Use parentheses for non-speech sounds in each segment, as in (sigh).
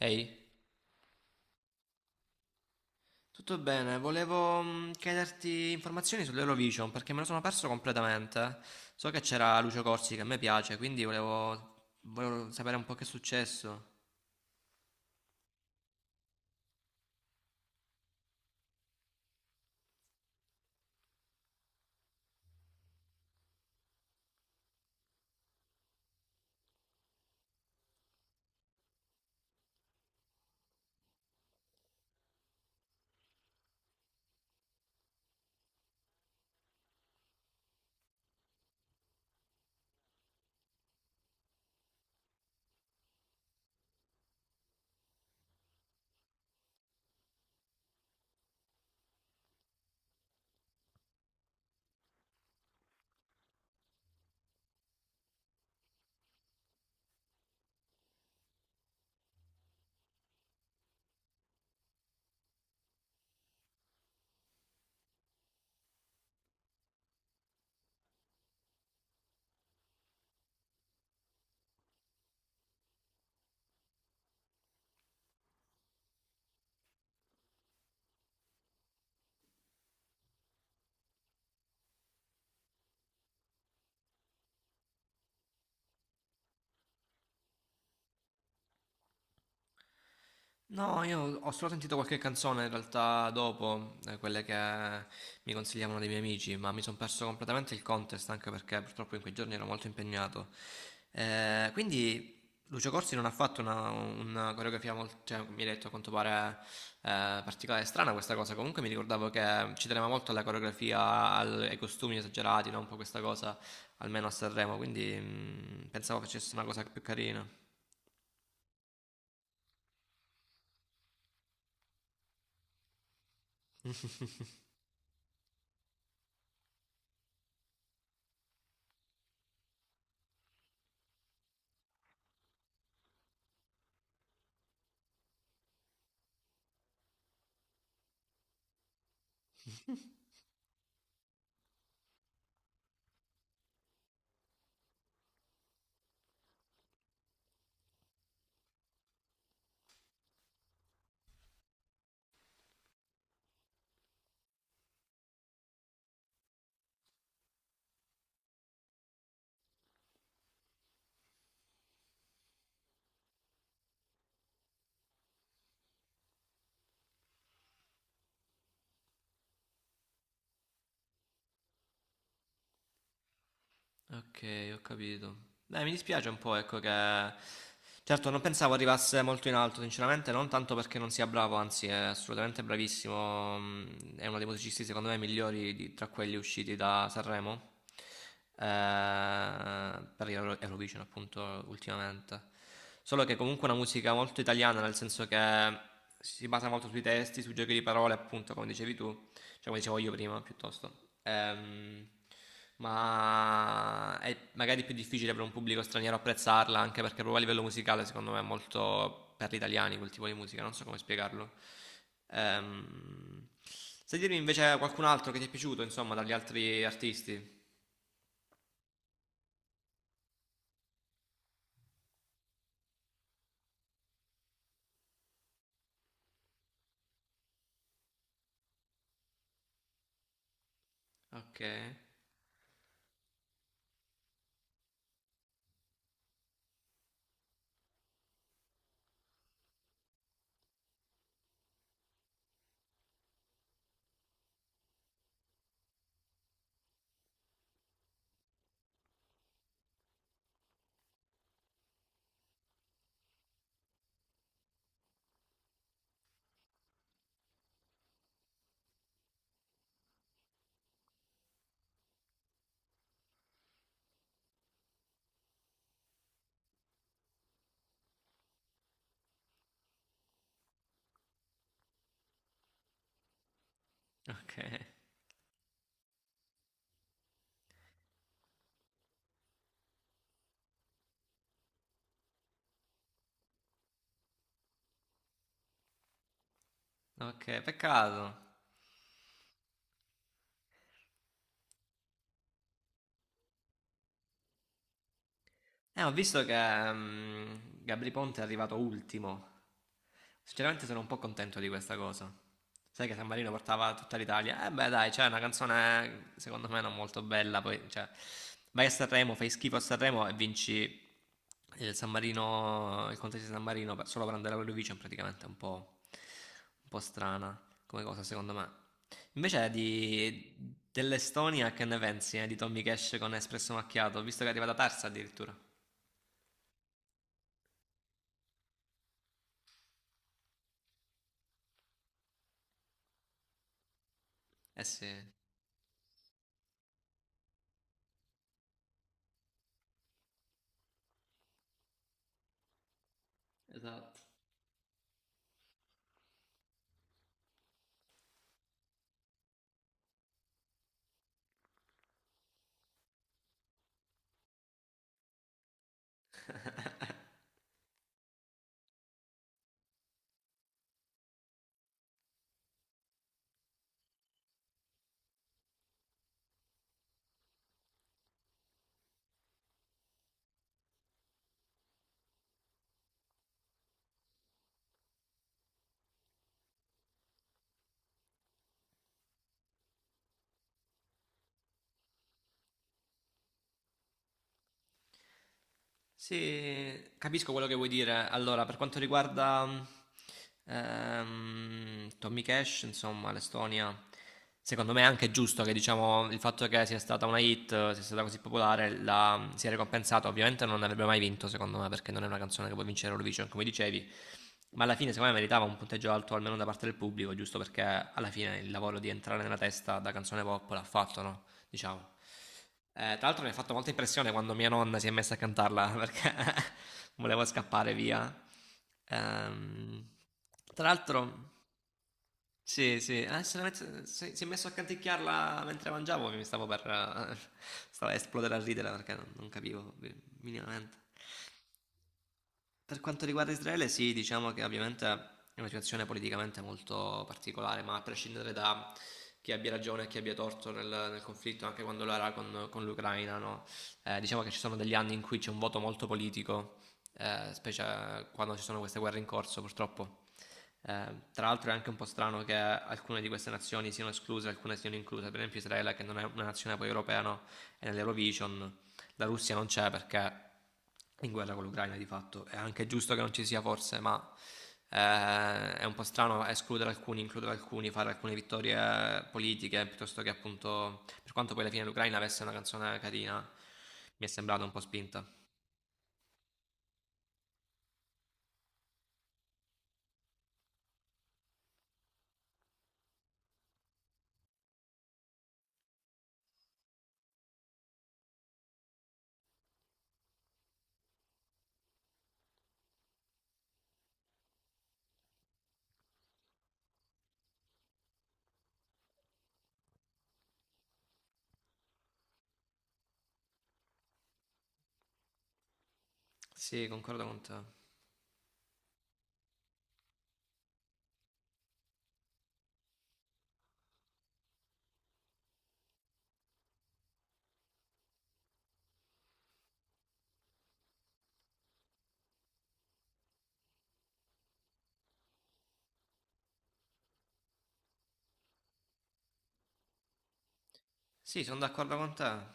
Ehi, tutto bene? Volevo chiederti informazioni sull'Eurovision perché me lo sono perso completamente. So che c'era Lucio Corsi che a me piace, quindi volevo sapere un po' che è successo. No, io ho solo sentito qualche canzone in realtà dopo, quelle che mi consigliavano dei miei amici, ma mi sono perso completamente il contest anche perché purtroppo in quei giorni ero molto impegnato. Quindi Lucio Corsi non ha fatto una coreografia molto, cioè, mi hai detto a quanto pare particolare e strana questa cosa, comunque mi ricordavo che ci teneva molto alla coreografia, ai costumi esagerati, no? Un po' questa cosa, almeno a Sanremo, quindi pensavo facesse una cosa più carina. Ok, ho capito. Dai, mi dispiace un po', ecco che... Certo, non pensavo arrivasse molto in alto, sinceramente, non tanto perché non sia bravo, anzi è assolutamente bravissimo, è uno dei musicisti secondo me migliori tra quelli usciti da Sanremo, eh, per Eurovision appunto ultimamente. Solo che comunque è una musica molto italiana, nel senso che si basa molto sui testi, sui giochi di parole, appunto, come dicevi tu, cioè come dicevo io prima piuttosto. Ehm, ma è magari più difficile per un pubblico straniero apprezzarla, anche perché proprio a livello musicale secondo me è molto per gli italiani quel tipo di musica, non so come spiegarlo. Ehm, Sai dirmi invece qualcun altro che ti è piaciuto, insomma, dagli altri artisti? Ok, ok, ok, peccato. Ho visto che mm, Gabri Ponte è arrivato ultimo. Sinceramente sono un po' contento di questa cosa. Sai che San Marino portava tutta l'Italia. Eh beh, dai, c'è una canzone secondo me non molto bella, poi cioè, vai a Sanremo, fai schifo a Sanremo e vinci il San Marino, il contesto di San Marino solo per andare all'Eurovision praticamente è un po' strana come cosa secondo me. Invece di, dell'Estonia che ne pensi di Tommy Cash con Espresso Macchiato, visto che è arrivata terza addirittura? Eh sì, esatto. Sì, capisco quello che vuoi dire. Allora, per quanto riguarda Tommy Cash, insomma, l'Estonia, secondo me è anche giusto che diciamo il fatto che sia stata una hit, sia stata così popolare, la, sia ricompensata. Ovviamente non avrebbe mai vinto, secondo me, perché non è una canzone che può vincere Eurovision, come dicevi. Ma alla fine, secondo me, meritava un punteggio alto almeno da parte del pubblico, giusto perché alla fine il lavoro di entrare nella testa da canzone pop l'ha fatto, no? diciamo. Tra l'altro mi ha fatto molta impressione quando mia nonna si è messa a cantarla perché (laughs) volevo scappare via. Ehm, Tra l'altro, sì, sì, se la met- se- si è messo a canticchiarla mentre mangiavo, mi stavo per stavo a esplodere a ridere perché non capivo minimamente. Per quanto riguarda Israele, sì, diciamo che ovviamente è una situazione politicamente molto particolare, ma a prescindere da chi abbia ragione e chi abbia torto nel conflitto, anche quando lo era con l'Ucraina, no? Diciamo che ci sono degli anni in cui c'è un voto molto politico, specie quando ci sono queste guerre in corso, purtroppo. Tra l'altro è anche un po' strano che alcune di queste nazioni siano escluse, alcune siano incluse, per esempio Israele che non è una nazione poi europea, no? È nell'Eurovision, la Russia non c'è perché è in guerra con l'Ucraina di fatto, è anche giusto che non ci sia forse, ma è un po' strano escludere alcuni, includere alcuni, fare alcune vittorie politiche, piuttosto che appunto, per quanto poi alla fine l'Ucraina avesse una canzone carina, mi è sembrata un po' spinta. Sì, concordo con te. Sì, sono d'accordo con te.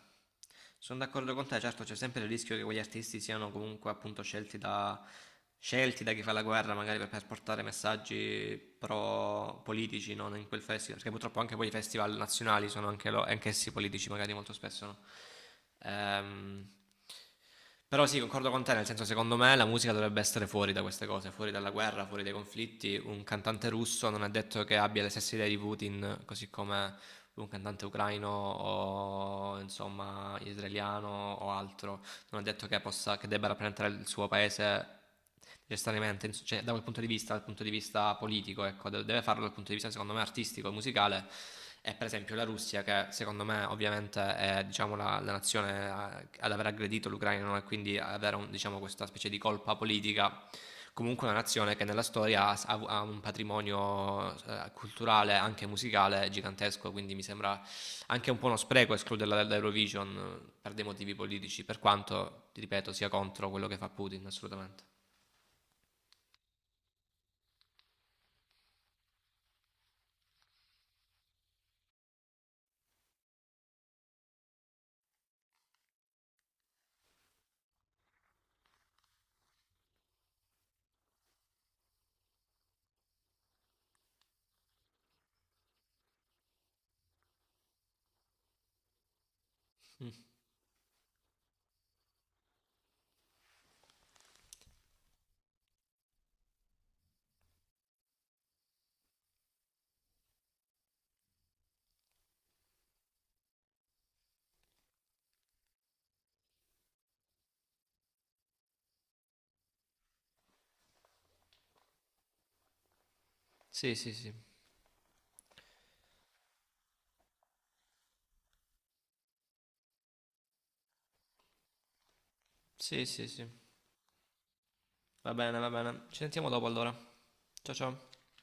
Sono d'accordo con te, certo c'è sempre il rischio che quegli artisti siano comunque appunto scelti da chi fa la guerra, magari per portare messaggi pro politici, no? In quel festival, perché purtroppo anche poi i festival nazionali sono anche anch'essi politici, magari molto spesso, no? Ehm, Però sì, concordo con te, nel senso secondo me la musica dovrebbe essere fuori da queste cose, fuori dalla guerra, fuori dai conflitti. Un cantante russo non è detto che abbia le stesse idee di Putin, così come un cantante ucraino o insomma israeliano o altro, non è detto che, possa, che debba rappresentare il suo paese necessariamente, cioè, da quel punto di vista, dal punto di vista politico, ecco, deve farlo dal punto di vista secondo me artistico e musicale. E per esempio la Russia, che secondo me ovviamente è diciamo, la nazione ad aver aggredito l'Ucraina no? e quindi avere diciamo, questa specie di colpa politica comunque una nazione che nella storia ha un patrimonio culturale, anche musicale, gigantesco, quindi mi sembra anche un po' uno spreco escluderla dall'Eurovision per dei motivi politici, per quanto, ti ripeto, sia contro quello che fa Putin, assolutamente. Sì, sì, sì, sì, sì, sì. Va bene, va bene. Ci sentiamo dopo allora. Ciao ciao.